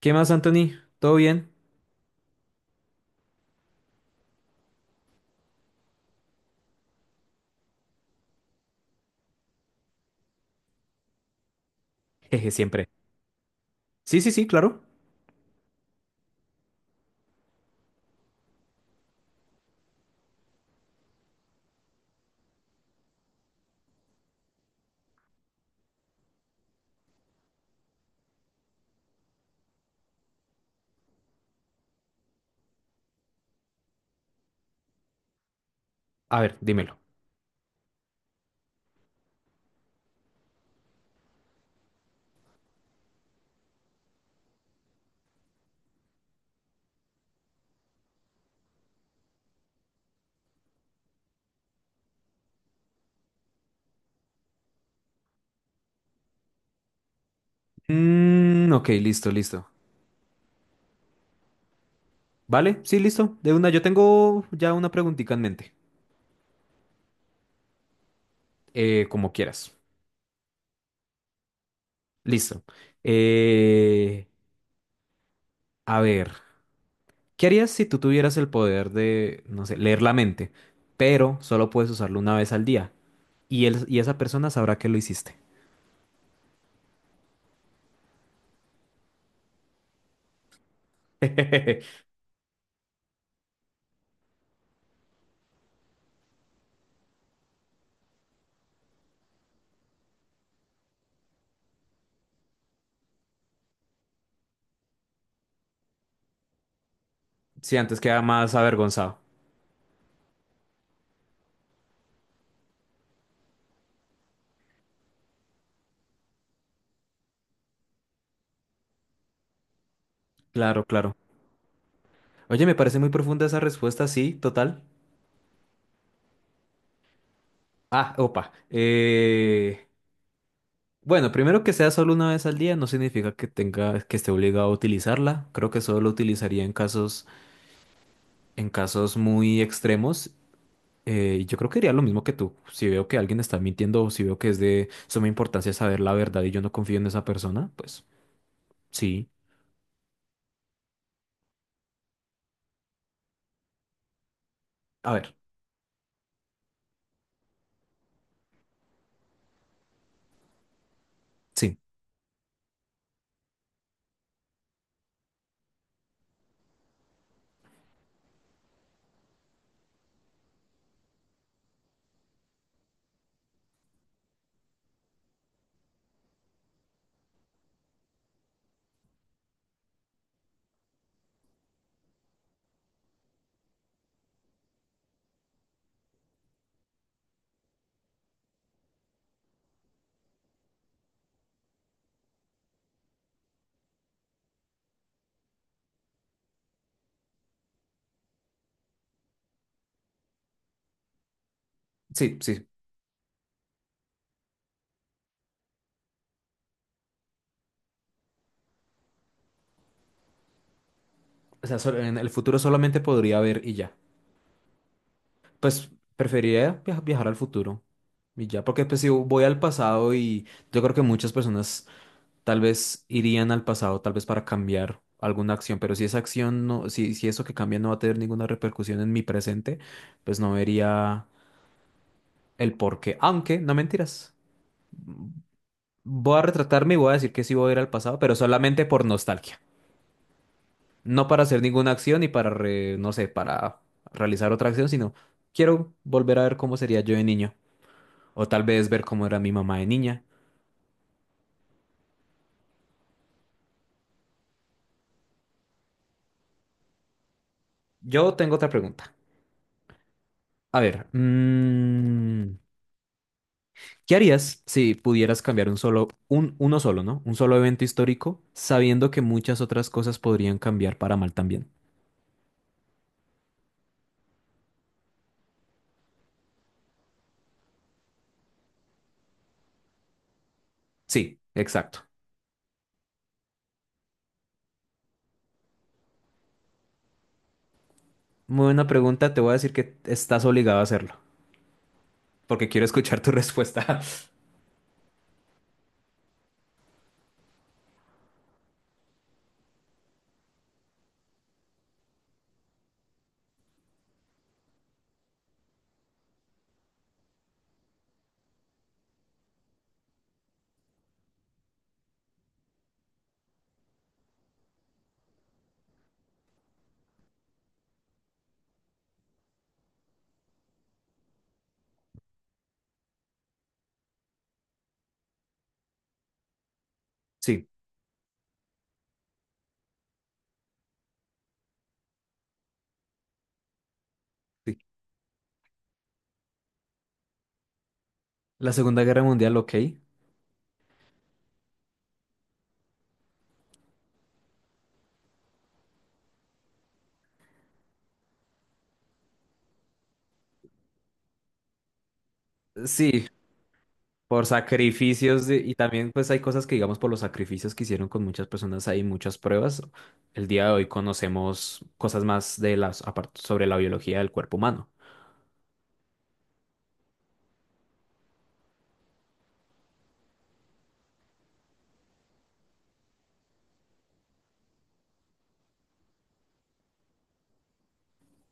¿Qué más, Anthony? ¿Todo bien? Jeje, siempre. Sí, sí, sí, claro. A ver, dímelo. Mm, ok, listo, listo. ¿Vale? Sí, listo. De una, yo tengo ya una preguntita en mente. Como quieras. Listo. Eh, a ver, ¿qué harías si tú tuvieras el poder de, no sé, leer la mente, pero solo puedes usarlo una vez al día? Y esa persona sabrá que lo hiciste. Sí, antes queda más avergonzado. Claro, claro. Oye, me parece muy profunda esa respuesta, sí, total. Ah, opa. Bueno, primero que sea solo una vez al día no significa que tenga, que esté obligado a utilizarla. Creo que solo lo utilizaría en casos muy extremos. Y yo creo que haría lo mismo que tú. Si veo que alguien está mintiendo o si veo que es de suma importancia saber la verdad y yo no confío en esa persona, pues sí. A ver, sí, sí, sí. O sea, en el futuro solamente podría ver y ya. Pues preferiría viajar al futuro y ya, porque pues si voy al pasado y yo creo que muchas personas tal vez irían al pasado, tal vez para cambiar alguna acción, pero si esa acción no, si eso que cambia no va a tener ninguna repercusión en mi presente, pues no vería el porqué. Aunque, no mentiras, voy a retratarme y voy a decir que sí voy a ir al pasado, pero solamente por nostalgia. No para hacer ninguna acción y para, no sé, para realizar otra acción, sino quiero volver a ver cómo sería yo de niño, o tal vez ver cómo era mi mamá de niña. Yo tengo otra pregunta. A ver, mm, ¿qué harías si pudieras cambiar uno solo, ¿no? Un solo evento histórico, sabiendo que muchas otras cosas podrían cambiar para mal también? Sí, exacto. Muy buena pregunta, te voy a decir que estás obligado a hacerlo, porque quiero escuchar tu respuesta. Sí, sí. La Segunda Guerra Mundial, ok. Sí, por y también pues hay cosas que digamos por los sacrificios que hicieron con muchas personas, hay muchas pruebas. El día de hoy conocemos cosas más de las sobre la biología del cuerpo humano.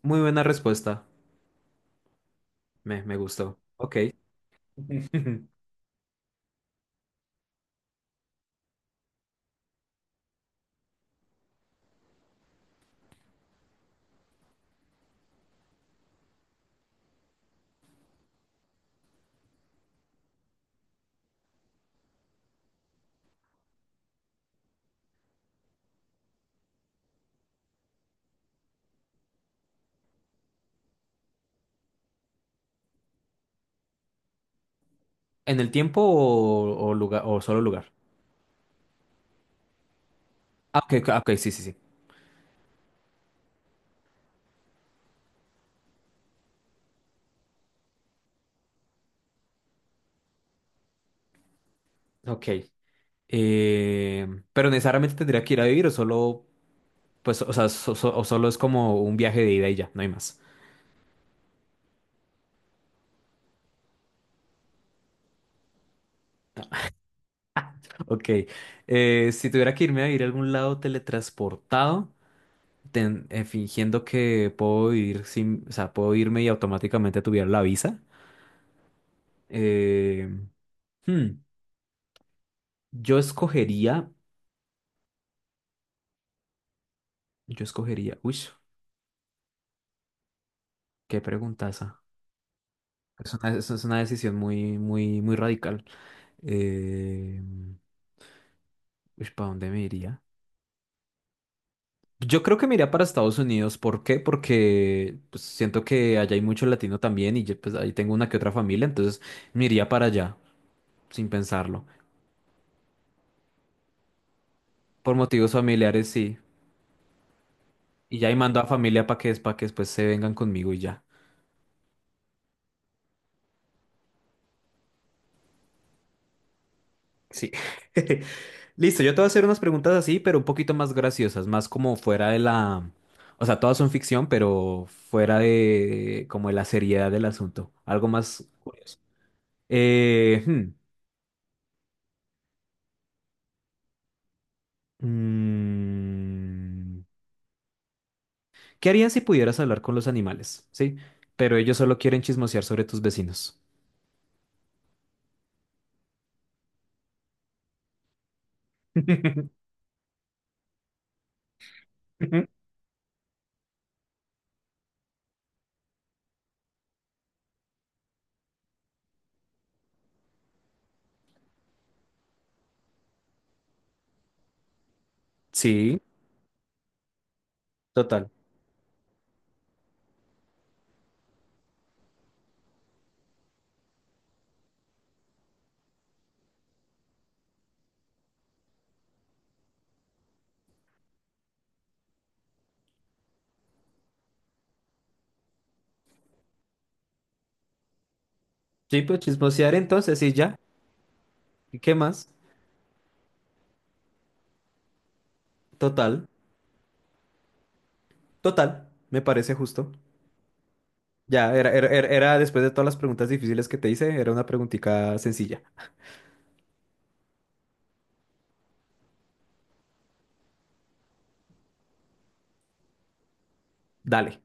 Muy buena respuesta. Me gustó. Ok. ¿En el tiempo o lugar o solo lugar? Ah, ok, ok, ok, sí, sí, sí. Ok. Eh, pero necesariamente tendría que ir a vivir o solo, pues, o sea, o solo es como un viaje de ida y ya, no hay más. Ok. Si tuviera que irme a vivir a algún lado teletransportado, fingiendo que puedo vivir sin, o sea, puedo irme y automáticamente tuviera la visa. Eh, hmm, yo escogería, yo escogería, uy, qué preguntaza. Es una decisión muy, muy, muy radical. Eh, ¿Para dónde me iría? Yo creo que me iría para Estados Unidos. ¿Por qué? Porque pues, siento que allá hay mucho latino también y yo, pues, ahí tengo una que otra familia, entonces me iría para allá, sin pensarlo. Por motivos familiares, sí. Y ya ahí mando a familia para que después se vengan conmigo y ya. Sí. Listo, yo te voy a hacer unas preguntas así, pero un poquito más graciosas, más como fuera de la... O sea, todas son ficción, pero fuera de como de la seriedad del asunto. Algo más curioso. Eh, hmm, mm, ¿Qué harías si pudieras hablar con los animales? Sí, pero ellos solo quieren chismosear sobre tus vecinos. Sí, total. Sí, pues chismosear entonces y ya. ¿Y qué más? Total, total, me parece justo. Ya, era después de todas las preguntas difíciles que te hice, era una preguntica sencilla. Dale.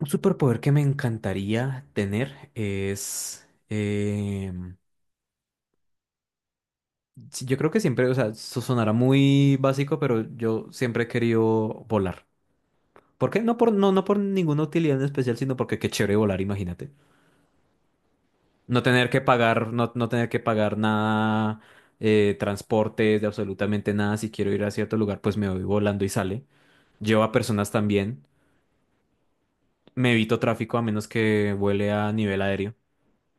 Un superpoder que me encantaría tener es... sí, yo creo que siempre, o sea, sonará muy básico, pero yo siempre he querido volar. ¿Por qué? No por ninguna utilidad en especial, sino porque qué chévere volar, imagínate. No tener que pagar nada, transportes, de absolutamente nada. Si quiero ir a cierto lugar, pues me voy volando y sale. Llevo a personas también. Me evito tráfico a menos que vuele a nivel aéreo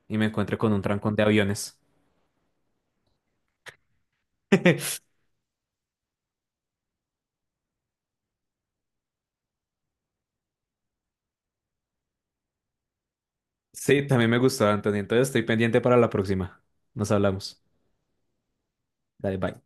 y me encuentre con un trancón de aviones. Sí, también me gustó, Anthony. Entonces estoy pendiente para la próxima. Nos hablamos. Dale, bye.